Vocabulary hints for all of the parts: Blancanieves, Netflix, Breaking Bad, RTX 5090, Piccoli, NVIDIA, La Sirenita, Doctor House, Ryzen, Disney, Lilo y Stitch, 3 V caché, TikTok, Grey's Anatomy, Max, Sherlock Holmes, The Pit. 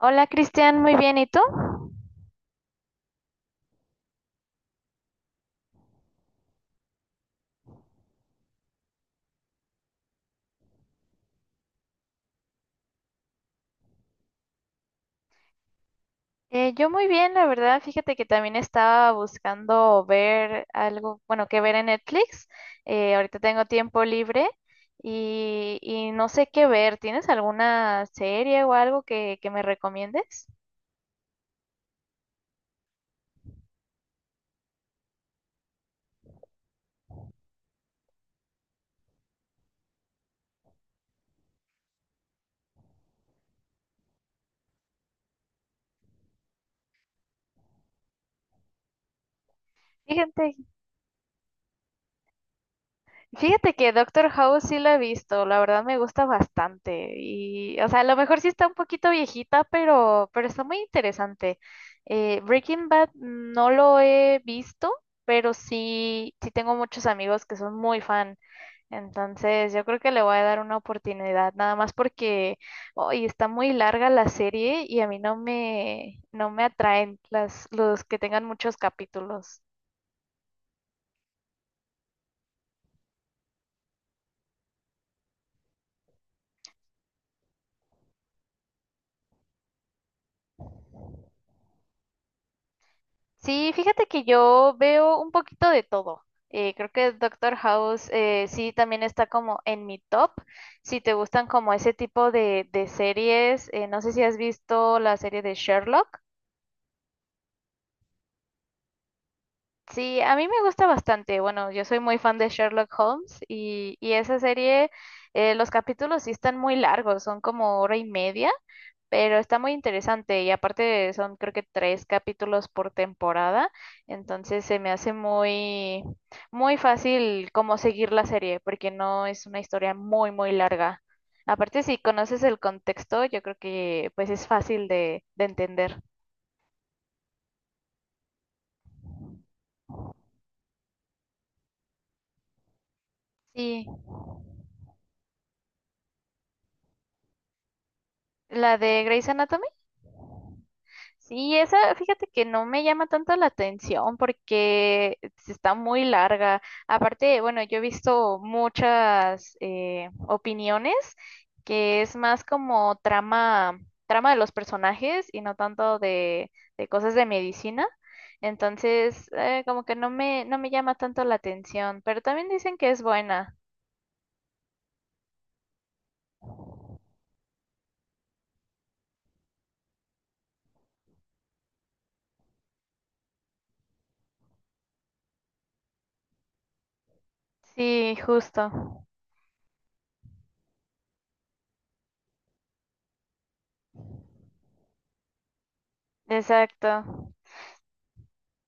Hola Cristian, muy bien, ¿y tú? Yo muy bien, la verdad, fíjate que también estaba buscando ver algo, bueno, que ver en Netflix. Ahorita tengo tiempo libre y, no sé qué ver. ¿Tienes alguna serie o algo que me recomiendes? Fíjate Fíjate que Doctor House sí la he visto, la verdad me gusta bastante y, o sea, a lo mejor sí está un poquito viejita, pero está muy interesante. Breaking Bad no lo he visto, pero sí tengo muchos amigos que son muy fan, entonces yo creo que le voy a dar una oportunidad, nada más porque hoy está muy larga la serie y a mí no me atraen los que tengan muchos capítulos. Sí, fíjate que yo veo un poquito de todo. Creo que Doctor House sí también está como en mi top. Si te gustan como ese tipo de series, no sé si has visto la serie de Sherlock. Sí, a mí me gusta bastante. Bueno, yo soy muy fan de Sherlock Holmes y, esa serie, los capítulos sí están muy largos, son como hora y media. Pero está muy interesante y aparte son creo que tres capítulos por temporada, entonces se me hace muy, muy fácil como seguir la serie, porque no es una historia muy, muy larga. Aparte, si conoces el contexto, yo creo que pues es fácil de entender. Sí, la de Grey's Anatomy. Sí, esa, fíjate que no me llama tanto la atención porque está muy larga. Aparte, bueno, yo he visto muchas opiniones que es más como trama, trama de los personajes y no tanto de cosas de medicina. Entonces, como que no me llama tanto la atención, pero también dicen que es buena. Sí, justo. Exacto.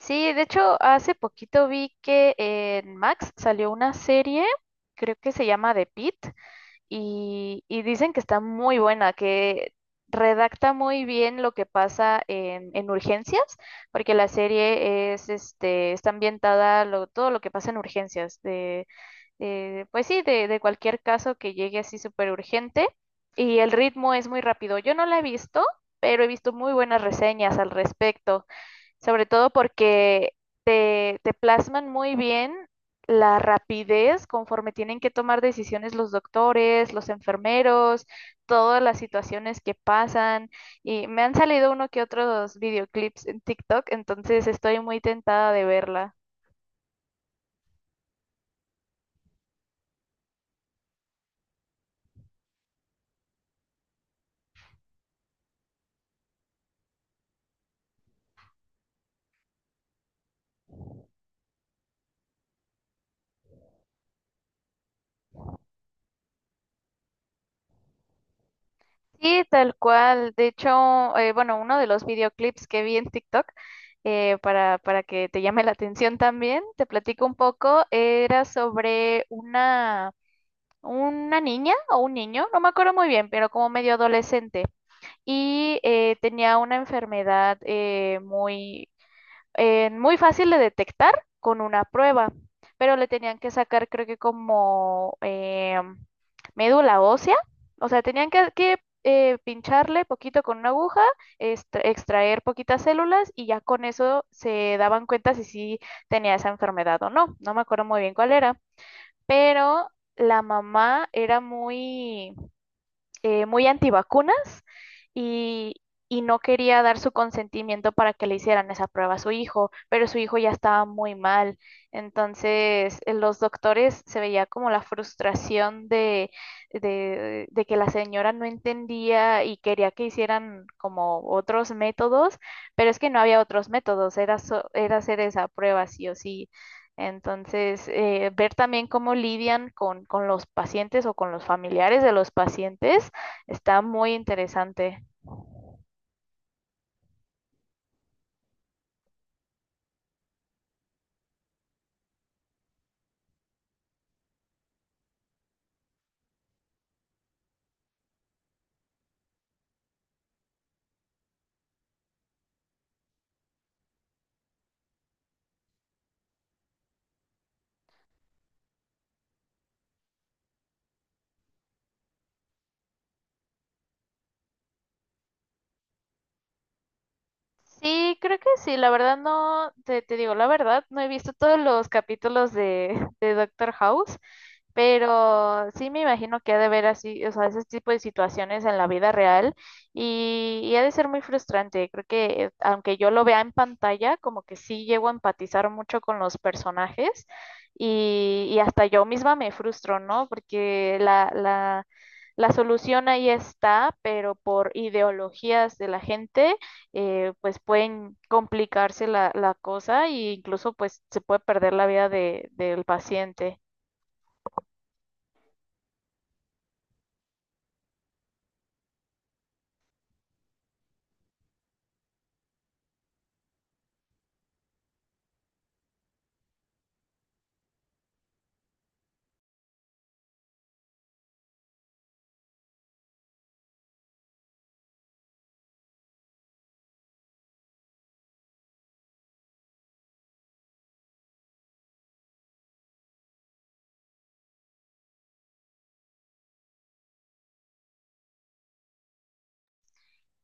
Sí, de hecho, hace poquito vi que en Max salió una serie, creo que se llama The Pit, y, dicen que está muy buena, que redacta muy bien lo que pasa en urgencias, porque la serie es, este, está ambientada lo, todo lo que pasa en urgencias, de, pues sí, de cualquier caso que llegue así súper urgente, y el ritmo es muy rápido. Yo no la he visto, pero he visto muy buenas reseñas al respecto sobre todo porque te plasman muy bien la rapidez conforme tienen que tomar decisiones los doctores, los enfermeros, todas las situaciones que pasan. Y me han salido uno que otros videoclips en TikTok, entonces estoy muy tentada de verla. Sí, tal cual. De hecho, bueno, uno de los videoclips que vi en TikTok, para que te llame la atención también, te platico un poco, era sobre una niña o un niño, no me acuerdo muy bien, pero como medio adolescente. Y tenía una enfermedad muy, muy fácil de detectar con una prueba, pero le tenían que sacar creo que como médula ósea, o sea, tenían que, pincharle poquito con una aguja, extraer poquitas células y ya con eso se daban cuenta si sí tenía esa enfermedad o no. No me acuerdo muy bien cuál era, pero la mamá era muy, muy antivacunas y, no quería dar su consentimiento para que le hicieran esa prueba a su hijo, pero su hijo ya estaba muy mal. Entonces, en los doctores se veía como la frustración de, de que la señora no entendía y quería que hicieran como otros métodos, pero es que no había otros métodos, era, era hacer esa prueba sí o sí. Entonces, ver también cómo lidian con los pacientes o con los familiares de los pacientes. Está muy interesante. Sí, creo que sí, la verdad no, te digo la verdad, no he visto todos los capítulos de, de Doctor House, pero sí me imagino que ha de haber así, o sea, ese tipo de situaciones en la vida real y, ha de ser muy frustrante. Creo que aunque yo lo vea en pantalla, como que sí llego a empatizar mucho con los personajes y, hasta yo misma me frustro, ¿no? Porque la solución ahí está, pero por ideologías de la gente pues pueden complicarse la cosa e incluso pues se puede perder la vida de, del paciente.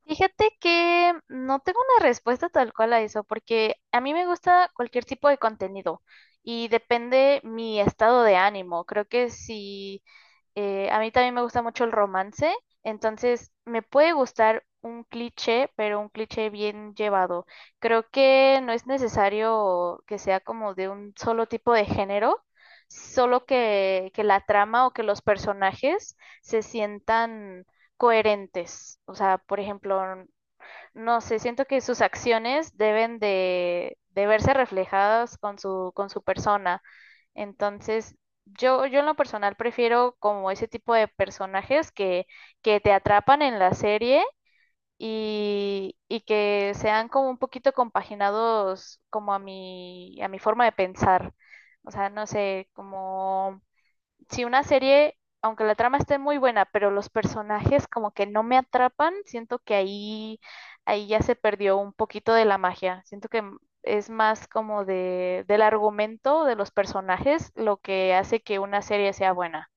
Fíjate que no tengo una respuesta tal cual a eso, porque a mí me gusta cualquier tipo de contenido y depende mi estado de ánimo. Creo que si a mí también me gusta mucho el romance, entonces me puede gustar un cliché, pero un cliché bien llevado. Creo que no es necesario que sea como de un solo tipo de género, solo que la trama o que los personajes se sientan coherentes. O sea, por ejemplo, no sé, siento que sus acciones deben de verse reflejadas con su persona. Entonces, yo en lo personal prefiero como ese tipo de personajes que te atrapan en la serie y, que sean como un poquito compaginados como a a mi forma de pensar. O sea, no sé, como si una serie, aunque la trama esté muy buena, pero los personajes como que no me atrapan, siento que ahí, ahí ya se perdió un poquito de la magia. Siento que es más como de, del argumento de los personajes lo que hace que una serie sea buena.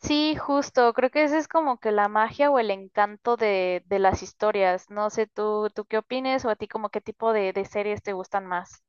Sí, justo, creo que ese es como que la magia o el encanto de las historias. No sé, tú qué opines o a ti como qué tipo de series te gustan más.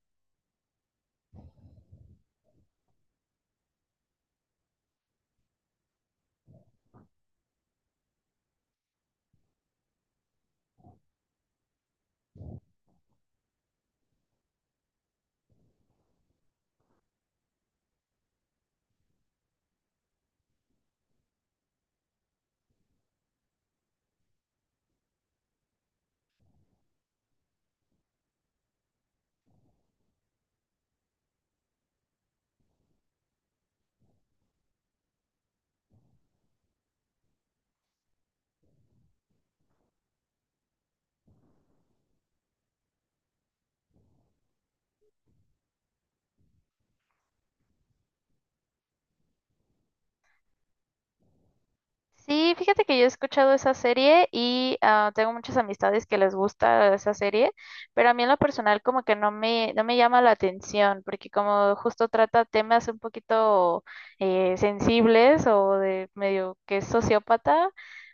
Sí, fíjate que yo he escuchado esa serie y ah, tengo muchas amistades que les gusta esa serie, pero a mí en lo personal como que no me llama la atención, porque como justo trata temas un poquito sensibles o de medio que es sociópata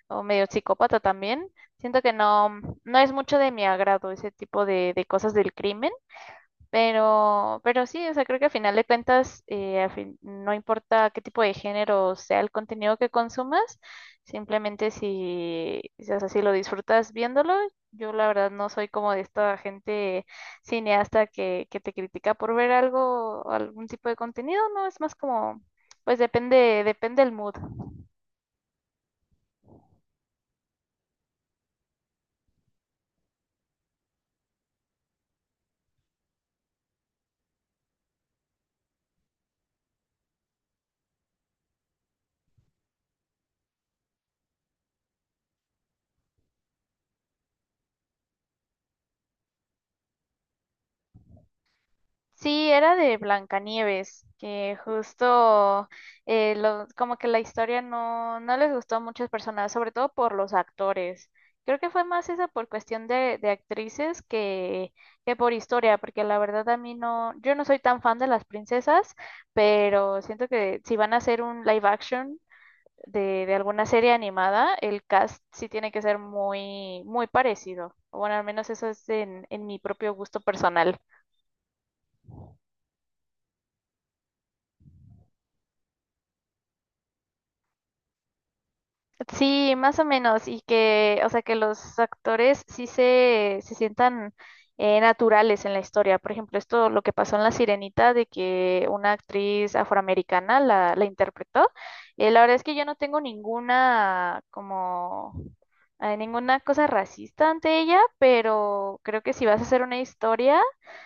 o medio psicópata también, siento que no, no es mucho de mi agrado ese tipo de cosas del crimen. Pero sí, o sea, creo que a final de cuentas, no importa qué tipo de género sea el contenido que consumas, simplemente si, o sea, si lo disfrutas viéndolo, yo la verdad no soy como de esta gente cineasta que te critica por ver algo, algún tipo de contenido, no, es más como, pues depende, depende el mood. Sí, era de Blancanieves, que justo como que la historia no, no les gustó a muchas personas, sobre todo por los actores. Creo que fue más eso por cuestión de actrices que por historia, porque la verdad a mí no, yo no soy tan fan de las princesas, pero siento que si van a hacer un live action de alguna serie animada, el cast sí tiene que ser muy, muy parecido. Bueno, al menos eso es en mi propio gusto personal. Sí, más o menos, y que, o sea, que los actores sí se sientan naturales en la historia. Por ejemplo, esto lo que pasó en La Sirenita, de que una actriz afroamericana la interpretó. La verdad es que yo no tengo ninguna, como, ninguna cosa racista ante ella, pero creo que si vas a hacer una historia,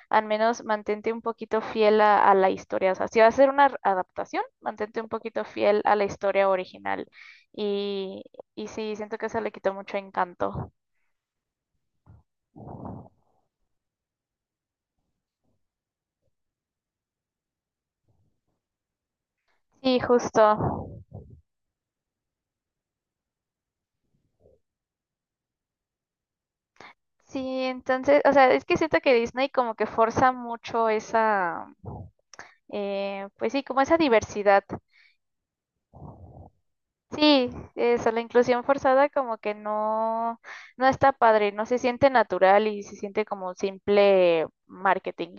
al menos mantente un poquito fiel a la historia. O sea, si vas a hacer una adaptación, mantente un poquito fiel a la historia original. Y, sí, siento que eso le quitó mucho encanto. Sí, justo. Sí, entonces, o sea, es que siento que Disney como que forza mucho esa, pues sí, como esa diversidad. Sí, eso, la inclusión forzada como que no, no está padre, no se siente natural y se siente como un simple marketing.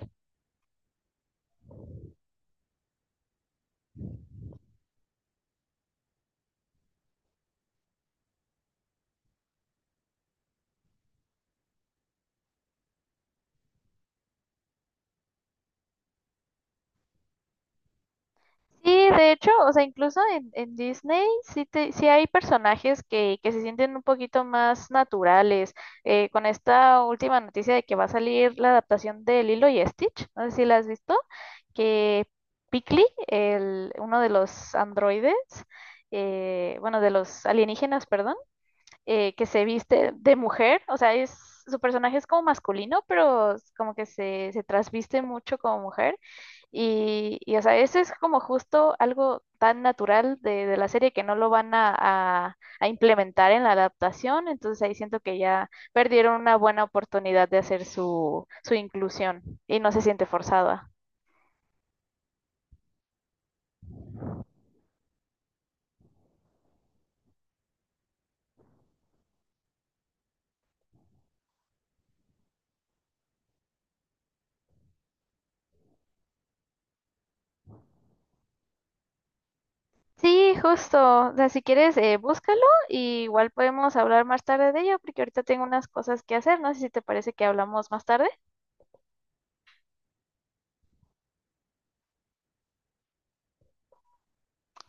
Sí, de hecho, o sea, incluso en Disney sí, sí hay personajes que se sienten un poquito más naturales. Con esta última noticia de que va a salir la adaptación de Lilo y Stitch, no sé si la has visto, que Piccoli, el, uno de los androides, bueno, de los alienígenas, perdón, que se viste de mujer, o sea, es, su personaje es como masculino, pero como que se trasviste mucho como mujer. Y, o sea, eso es como justo algo tan natural de la serie que no lo van a, a implementar en la adaptación, entonces ahí siento que ya perdieron una buena oportunidad de hacer su, su inclusión y no se siente forzada. Sí, justo. O sea, si quieres, búscalo y igual podemos hablar más tarde de ello, porque ahorita tengo unas cosas que hacer. No sé si te parece que hablamos más tarde.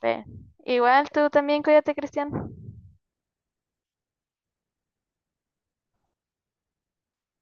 Ve. Igual tú también, cuídate, Cristian.